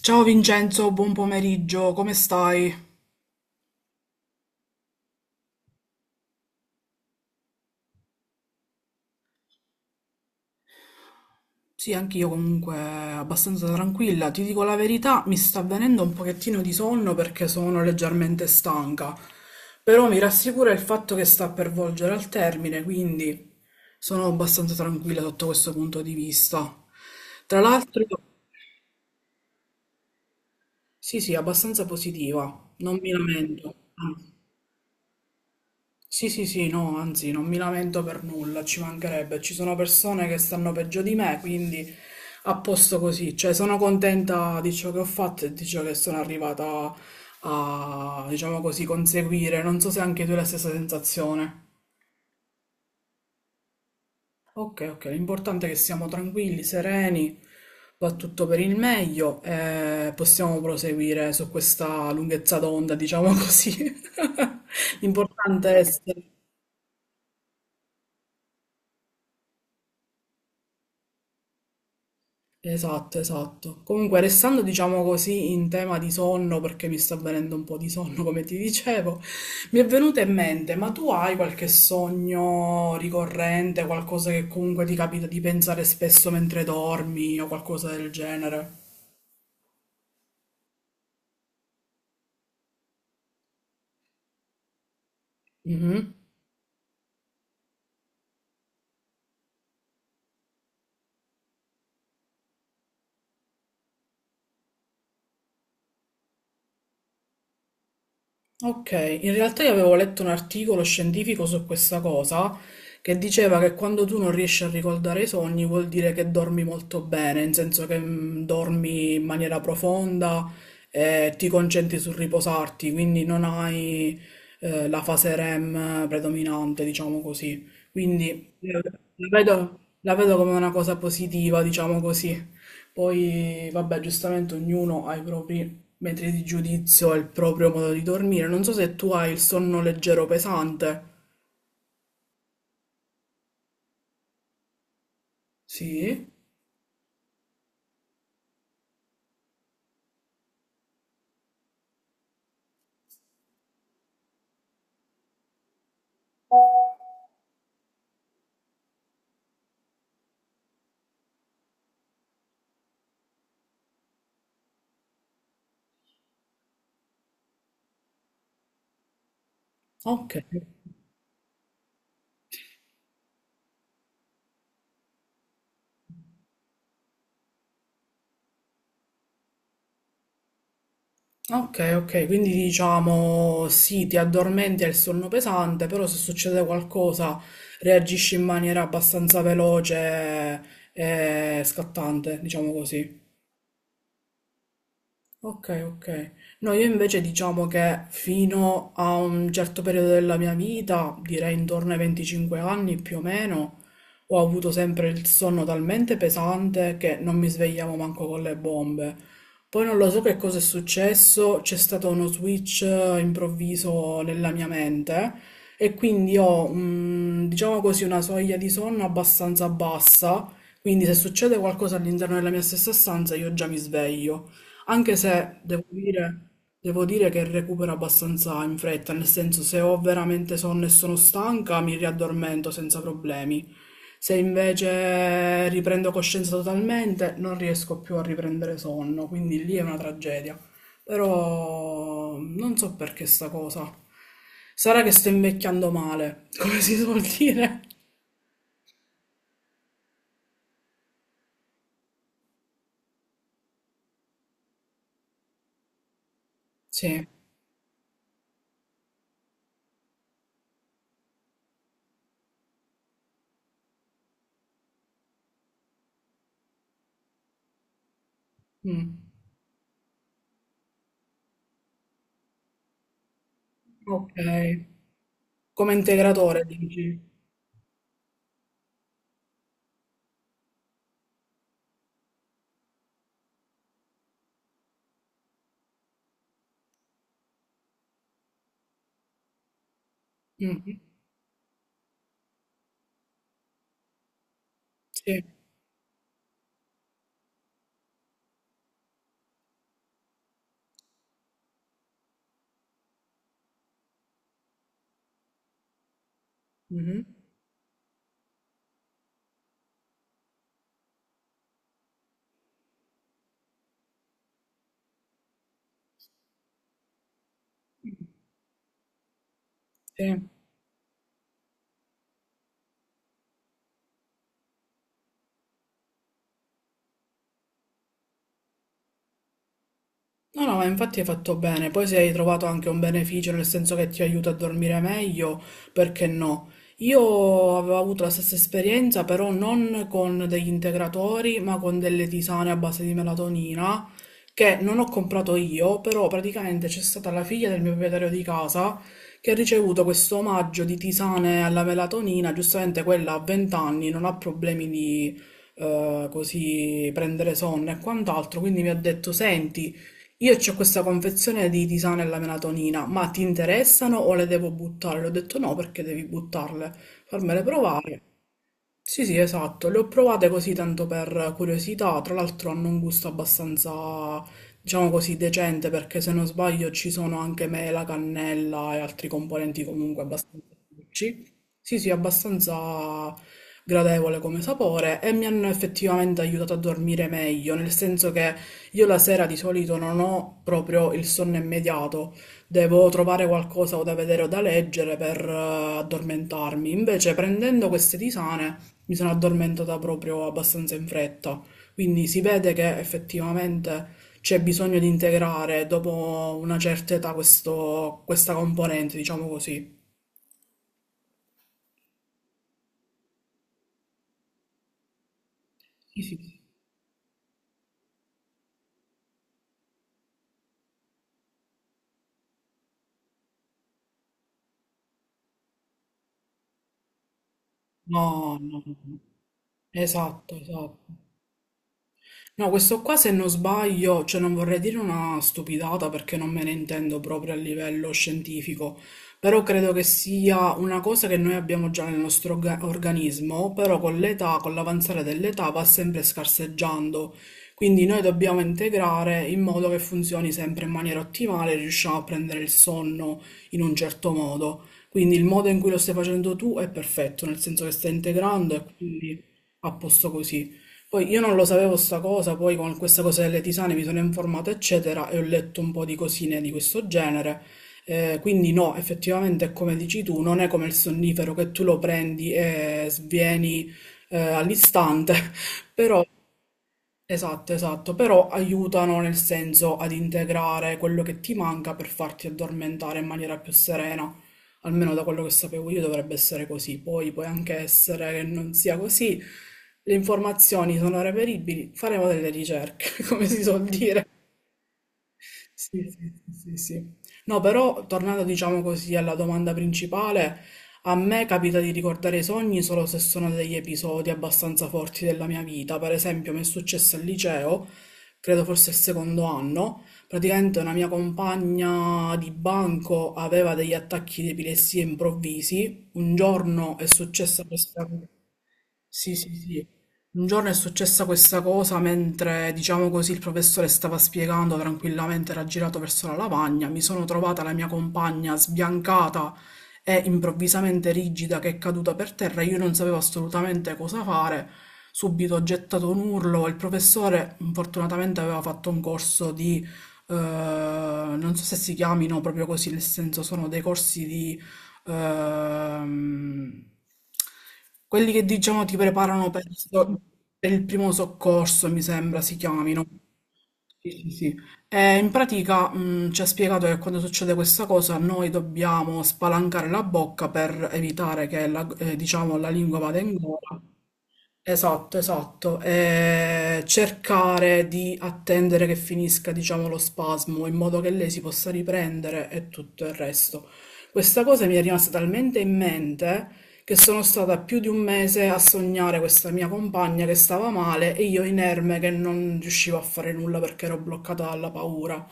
Ciao Vincenzo, buon pomeriggio, come stai? Sì, anch'io comunque abbastanza tranquilla. Ti dico la verità, mi sta venendo un pochettino di sonno perché sono leggermente stanca, però mi rassicura il fatto che sta per volgere al termine, quindi sono abbastanza tranquilla sotto questo punto di vista. Tra l'altro, sì, sì, abbastanza positiva, non mi lamento. Sì, sì, sì, no, anzi, non mi lamento per nulla, ci mancherebbe. Ci sono persone che stanno peggio di me, quindi a posto così. Cioè, sono contenta di ciò che ho fatto e di ciò che sono arrivata a, diciamo così, conseguire. Non so se anche tu hai la stessa sensazione. Ok, ok, l'importante è che siamo tranquilli, sereni, va tutto per il meglio e possiamo proseguire su questa lunghezza d'onda, diciamo così. L'importante è essere... Esatto, esatto. Comunque, restando, diciamo così, in tema di sonno, perché mi sta venendo un po' di sonno, come ti dicevo, mi è venuto in mente, ma tu hai qualche sogno ricorrente, qualcosa che comunque ti capita di pensare spesso mentre dormi o qualcosa del genere? Ok, in realtà io avevo letto un articolo scientifico su questa cosa che diceva che quando tu non riesci a ricordare i sogni vuol dire che dormi molto bene, in senso che dormi in maniera profonda e ti concentri sul riposarti, quindi non hai la fase REM predominante, diciamo così. Quindi eh, la vedo, la vedo come una cosa positiva, diciamo così. Poi, vabbè, giustamente ognuno ha i propri metri di giudizio e il proprio modo di dormire. Non so se tu hai il sonno leggero o pesante. Sì? Ok. Ok, ok, quindi diciamo sì, ti addormenti al sonno pesante, però se succede qualcosa reagisci in maniera abbastanza veloce e scattante, diciamo così. Ok, ok. No, io invece diciamo che fino a un certo periodo della mia vita, direi intorno ai 25 anni più o meno, ho avuto sempre il sonno talmente pesante che non mi svegliavo manco con le bombe. Poi non lo so che cosa è successo, c'è stato uno switch improvviso nella mia mente e quindi ho, diciamo così, una soglia di sonno abbastanza bassa, quindi se succede qualcosa all'interno della mia stessa stanza io già mi sveglio. Anche se devo dire, devo dire che recupero abbastanza in fretta, nel senso se ho veramente sonno e sono stanca mi riaddormento senza problemi. Se invece riprendo coscienza totalmente non riesco più a riprendere sonno, quindi lì è una tragedia. Però non so perché sta cosa. Sarà che sto invecchiando male, come si suol dire? Sì. Mm. Ok. Come integratore, dici? Mhm. Sì. Mhm. Sì. No, no, ma infatti hai fatto bene. Poi se hai trovato anche un beneficio, nel senso che ti aiuta a dormire meglio, perché no? Io avevo avuto la stessa esperienza, però non con degli integratori, ma con delle tisane a base di melatonina, che non ho comprato io, però praticamente c'è stata la figlia del mio proprietario di casa che ha ricevuto questo omaggio di tisane alla melatonina, giustamente quella a 20 anni non ha problemi di così prendere sonno e quant'altro, quindi mi ha detto, senti, io c'ho questa confezione di tisane alla melatonina, ma ti interessano o le devo buttare? Le ho detto no perché devi buttarle, fammele provare. Sì, sì, esatto, le ho provate così tanto per curiosità, tra l'altro hanno un gusto abbastanza, diciamo così, decente perché se non sbaglio ci sono anche mela, cannella e altri componenti comunque abbastanza dolci. Sì, sì, abbastanza gradevole come sapore e mi hanno effettivamente aiutato a dormire meglio, nel senso che io la sera di solito non ho proprio il sonno immediato, devo trovare qualcosa o da vedere o da leggere per addormentarmi, invece prendendo queste tisane mi sono addormentata proprio abbastanza in fretta, quindi si vede che effettivamente c'è bisogno di integrare dopo una certa età questa componente, diciamo così. Sì, sì. No, no, no. Esatto, esatto. No, questo qua se non sbaglio, cioè non vorrei dire una stupidata perché non me ne intendo proprio a livello scientifico, però credo che sia una cosa che noi abbiamo già nel nostro organismo, però con l'età, con l'avanzare dell'età va sempre scarseggiando. Quindi noi dobbiamo integrare in modo che funzioni sempre in maniera ottimale, riusciamo a prendere il sonno in un certo modo. Quindi il modo in cui lo stai facendo tu è perfetto, nel senso che stai integrando e quindi a posto così. Poi io non lo sapevo sta cosa, poi con questa cosa delle tisane mi sono informato, eccetera, e ho letto un po' di cosine di questo genere. Quindi no, effettivamente è come dici tu, non è come il sonnifero che tu lo prendi e svieni all'istante, però esatto, esatto, però aiutano nel senso ad integrare quello che ti manca per farti addormentare in maniera più serena. Almeno da quello che sapevo io dovrebbe essere così. Poi può anche essere che non sia così. Le informazioni sono reperibili, faremo delle ricerche, come si suol dire. Sì, sì, sì, sì, sì. No, però tornando, diciamo così, alla domanda principale, a me capita di ricordare i sogni solo se sono degli episodi abbastanza forti della mia vita. Per esempio, mi è successo al liceo, credo forse il secondo anno, praticamente una mia compagna di banco aveva degli attacchi di epilessia improvvisi. Un giorno è successa questa... Sì, sì, sì. Un giorno è successa questa cosa mentre, diciamo così, il professore stava spiegando tranquillamente, era girato verso la lavagna, mi sono trovata la mia compagna sbiancata e improvvisamente rigida che è caduta per terra, io non sapevo assolutamente cosa fare, subito ho gettato un urlo, il professore fortunatamente aveva fatto un corso di, non so se si chiamino proprio così, nel senso sono dei corsi di ehm, quelli che diciamo ti preparano per, per il primo soccorso, mi sembra si chiamino. Sì, sì, sì. E in pratica, ci ha spiegato che quando succede questa cosa noi dobbiamo spalancare la bocca per evitare che la, diciamo, la lingua vada in gola. Esatto, esatto. Cercare di attendere che finisca, diciamo, lo spasmo in modo che lei si possa riprendere e tutto il resto. Questa cosa mi è rimasta talmente in mente che sono stata più di un mese a sognare questa mia compagna che stava male e io inerme che non riuscivo a fare nulla perché ero bloccata dalla paura.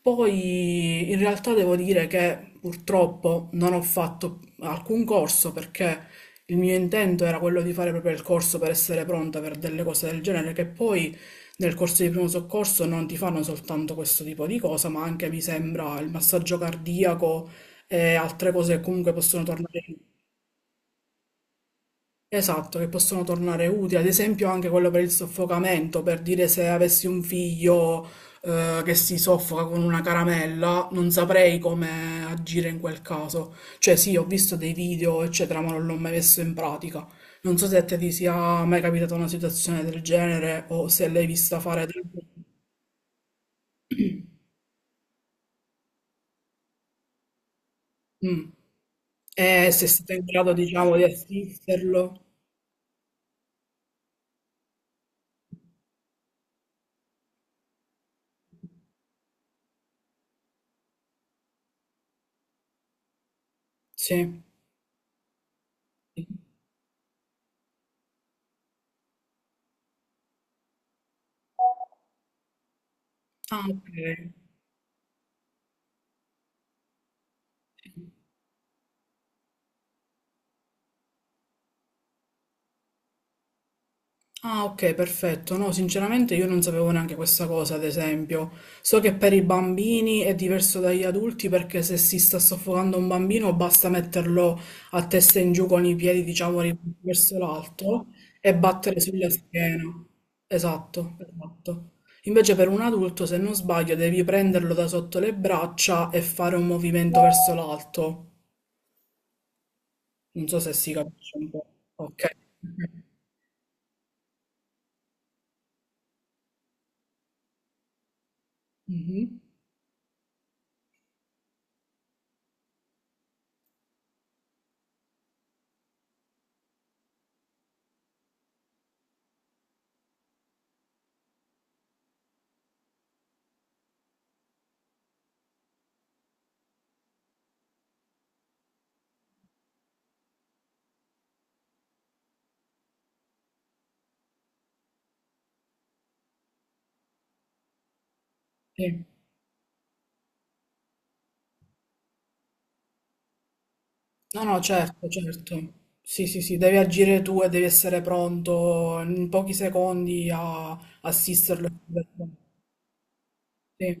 Poi in realtà devo dire che purtroppo non ho fatto alcun corso perché il mio intento era quello di fare proprio il corso per essere pronta per delle cose del genere, che poi nel corso di primo soccorso non ti fanno soltanto questo tipo di cosa, ma anche mi sembra il massaggio cardiaco e altre cose che comunque possono tornare in esatto, che possono tornare utili, ad esempio anche quello per il soffocamento, per dire se avessi un figlio che si soffoca con una caramella, non saprei come agire in quel caso. Cioè sì, ho visto dei video, eccetera, ma non l'ho mai messo in pratica. Non so se a te ti sia mai capitata una situazione del genere o se l'hai vista fare del... Mm. E se siete in grado, diciamo, di assisterlo. Sì. Ah, ok. Ah, ok, perfetto. No, sinceramente io non sapevo neanche questa cosa, ad esempio. So che per i bambini è diverso dagli adulti perché se si sta soffocando un bambino basta metterlo a testa in giù con i piedi, diciamo, verso l'alto e battere sulla schiena. Esatto, esatto. Invece per un adulto, se non sbaglio, devi prenderlo da sotto le braccia e fare un movimento verso l'alto. Non so se si capisce un po'. Ok. Mhm. Sì. No, no, certo, certo. Sì, sì, sì, devi agire tu e devi essere pronto in pochi secondi a assisterlo. Sì,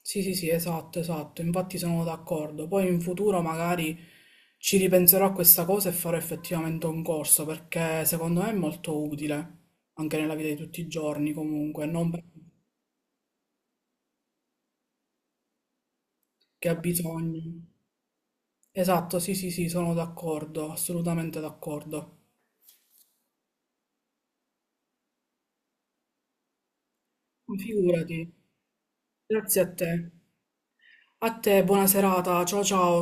sì, sì, sì, esatto, esatto. Infatti sono d'accordo. Poi in futuro magari ci ripenserò a questa cosa e farò effettivamente un corso perché secondo me è molto utile anche nella vita di tutti i giorni comunque, non perché ha bisogno. Esatto, sì, sì, sì, sono d'accordo, assolutamente d'accordo. Figurati, grazie a te. A te, buona serata, ciao ciao.